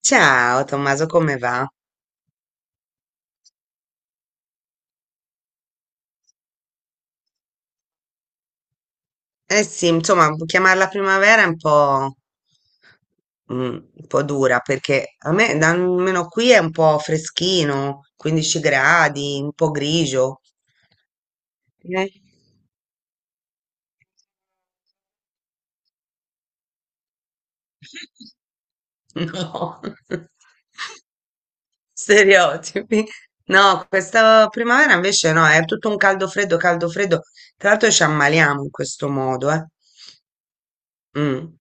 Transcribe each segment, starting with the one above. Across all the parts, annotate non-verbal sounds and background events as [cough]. Ciao Tommaso, come va? Eh sì, insomma, chiamarla primavera è un po', un po' dura perché almeno qui è un po' freschino, 15 gradi, un po' grigio. Eh? No, [laughs] stereotipi. No, questa primavera invece no, è tutto un caldo freddo, caldo freddo. Tra l'altro ci ammaliamo in questo modo, eh. Mm,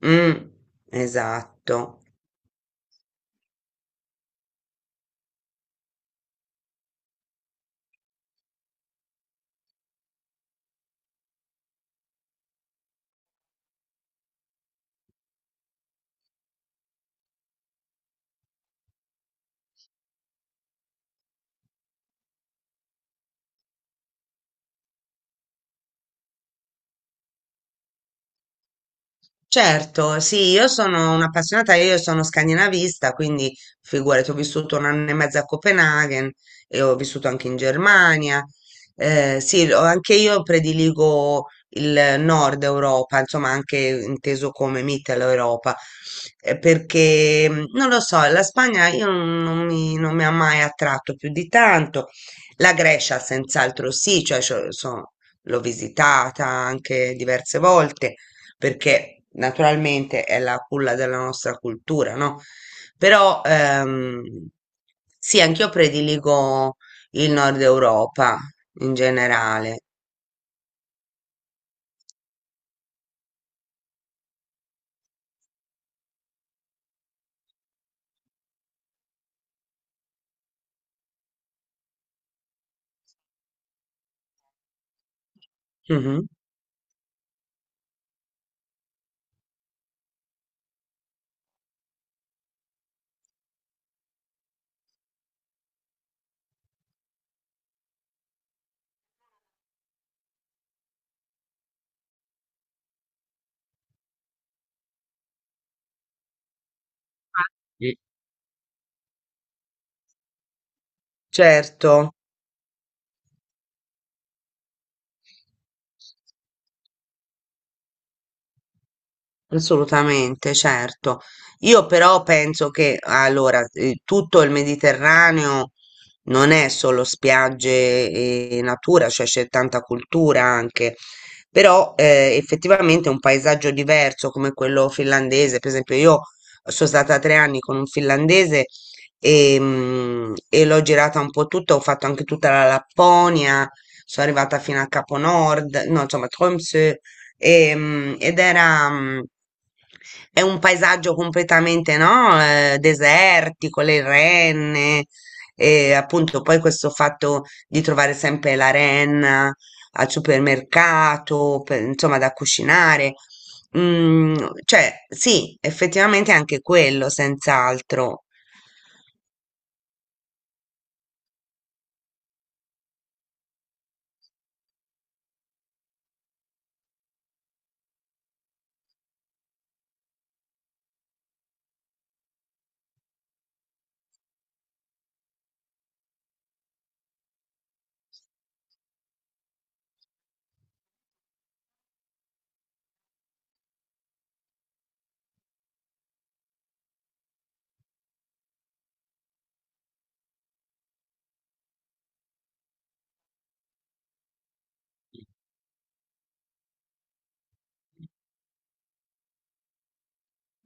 mm, esatto. Certo, sì, io sono un'appassionata, io sono scandinavista, quindi figurati, ho vissuto un anno e mezzo a Copenaghen e ho vissuto anche in Germania. Sì, anche io prediligo il nord Europa, insomma anche inteso come Mittel Europa, perché non lo so, la Spagna io non mi, non mi ha mai attratto più di tanto, la Grecia senz'altro sì, l'ho visitata anche diverse volte perché naturalmente è la culla della nostra cultura, no? Però sì, anch'io prediligo il nord Europa in generale. Mhm. Mm. Certo. Assolutamente, certo. Io però penso che allora tutto il Mediterraneo non è solo spiagge e natura, cioè c'è tanta cultura anche, però effettivamente un paesaggio diverso come quello finlandese, per esempio io sono stata tre anni con un finlandese e l'ho girata un po' tutta, ho fatto anche tutta la Lapponia, sono arrivata fino a Capo Nord, no, insomma, Tromsø. Ed era, è un paesaggio completamente, no, desertico, le renne, e appunto poi questo fatto di trovare sempre la renna al supermercato, insomma, da cucinare. Mm, cioè, sì, effettivamente anche quello, senz'altro.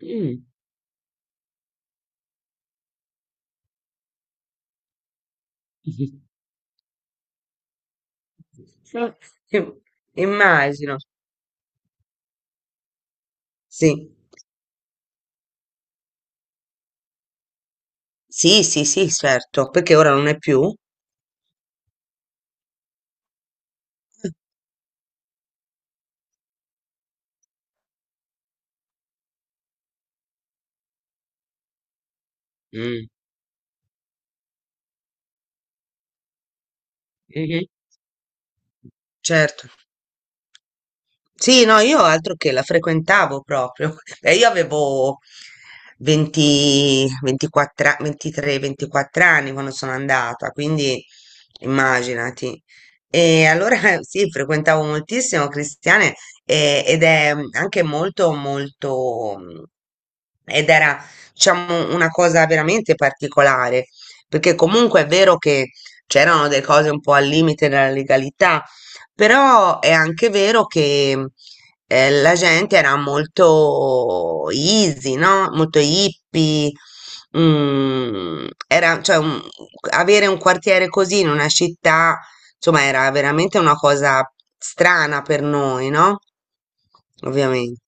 Mm. [laughs] Im- Immagino. Sì, sì, sì, sì, certo, perché ora non è più. Mm. Mhm. Certo. Sì, no, io altro che la frequentavo proprio. [laughs] Io avevo 20, 24, a- 23, 24 anni quando sono andata, quindi immaginati. E allora [laughs] sì, frequentavo moltissimo Cristiane ed è anche molto, molto, ed era, diciamo, una cosa veramente particolare, perché comunque è vero che c'erano delle cose un po' al limite della legalità. Però è anche vero che la gente era molto easy, no? Molto hippie. mm, era, cioè, un- Avere un quartiere così in una città, insomma, era veramente una cosa strana per noi, no? Ovviamente.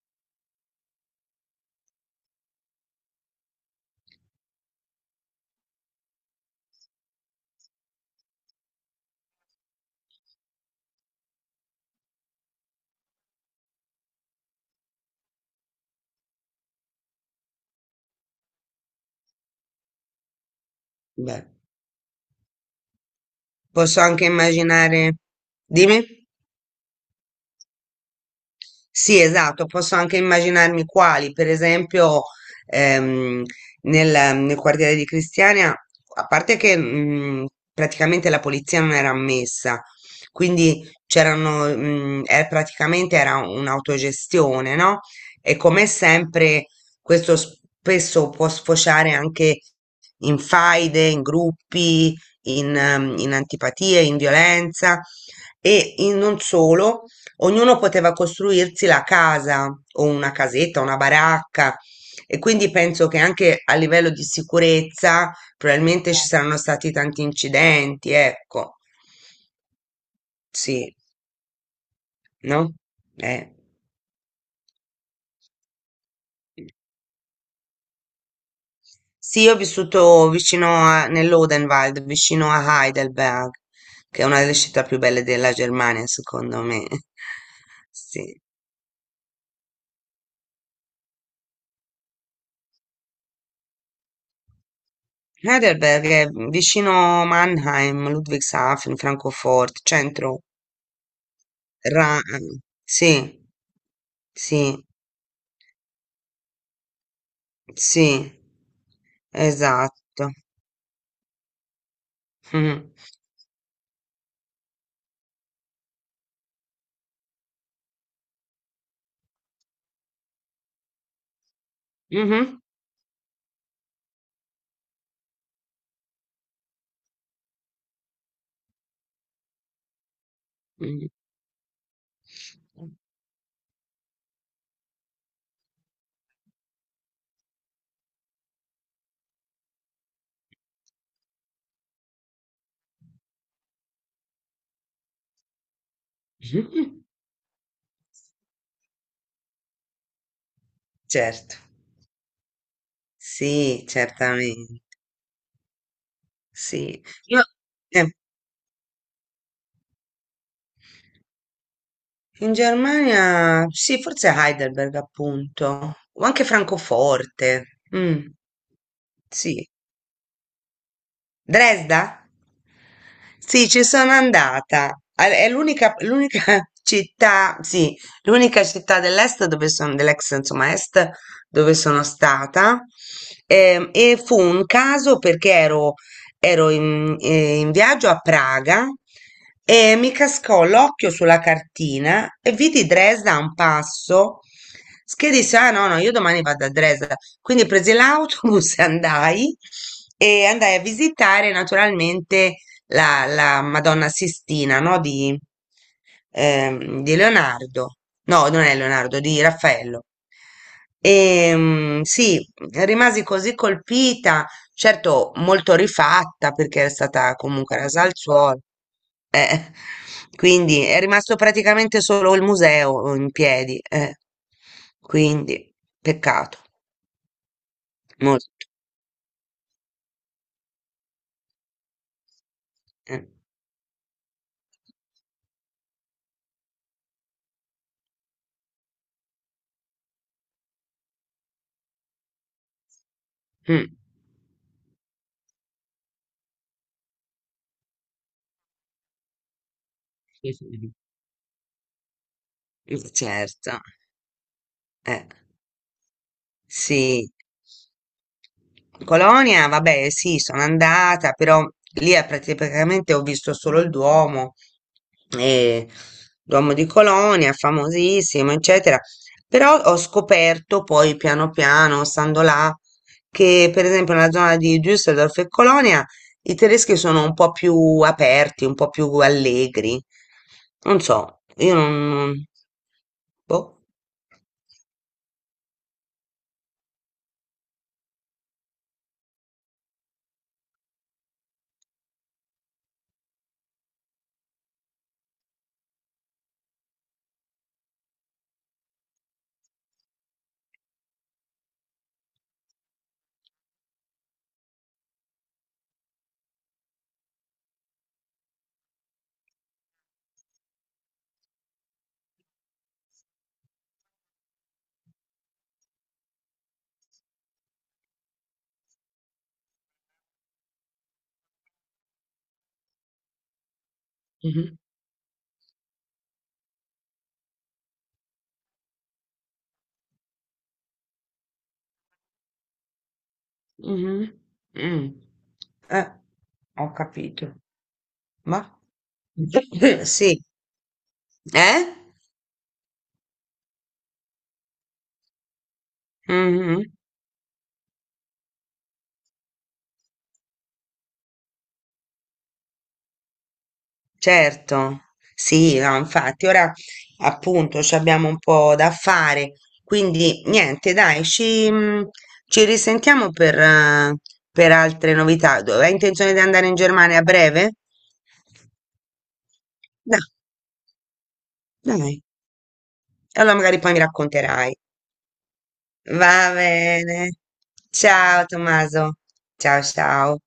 Beh, posso anche immaginare. Dimmi. Sì, esatto, posso anche immaginarmi quali, per esempio ehm, nel, nel quartiere di Cristiania, a parte che praticamente la polizia non era ammessa, quindi c'erano, praticamente era un'autogestione, no? E come sempre questo spesso può sfociare anche in faide, in gruppi, in, in antipatie, in violenza e non solo. Ognuno poteva costruirsi la casa o una casetta, una baracca e quindi penso che anche a livello di sicurezza probabilmente ci saranno stati tanti incidenti, ecco. Sì, no? Eh. Sì, io ho vissuto nell'Odenwald, vicino a Heidelberg, che è una delle città più belle della Germania, secondo me. [laughs] Sì. Heidelberg è vicino Mannheim, Ludwigshafen, Francoforte, centro Ra sì, sì, sì. Esatto. Mh-mh. Mh-mh. Mh. Certo. Sì, certamen sì. Io eh, in Germania sì, forse Heidelberg appunto, o anche Francoforte. Sì. Dresda? Sì, ci sono andata. È l'unica [laughs] città, sì, l'unica città dell'est dove sono, dell'ex, insomma, est dove sono stata. Fu un caso perché ero in, in viaggio a Praga e mi cascò l'occhio sulla cartina e vidi Dresda a un passo, che disse: Ah, no, no, io domani vado a Dresda. Quindi presi l'autobus [laughs] e andai a visitare naturalmente la, la Madonna Sistina, no, di Leonardo. No, non è Leonardo, di Raffaello. E, sì, rimasi così colpita. Certo, molto rifatta perché era stata comunque rasa al suolo. Eh, quindi è rimasto praticamente solo il museo in piedi. Eh. Quindi, peccato, molto. Eh. Mm. [laughs] Certo, eh. Sì. Colonia, vabbè, sì, sono andata, però lì è praticamente ho visto solo il Duomo, eh, Duomo di Colonia, famosissimo, eccetera. Però ho scoperto poi piano piano, stando là, che per esempio nella zona di Düsseldorf e Colonia i tedeschi sono un po' più aperti, un po' più allegri. Non so, io non... Boh. Mh-mh. Mh. Eh, ho capito. Ma [laughs] sì. Eh? Mh-mh. Certo. Sì, no, infatti ora appunto c'abbiamo un po' da fare, quindi niente dai, ci ci risentiamo per altre novità. Do hai intenzione di andare in Germania a breve? Da Dai, e allora magari poi mi racconterai. Va bene. Ciao Tommaso. Ciao, ciao.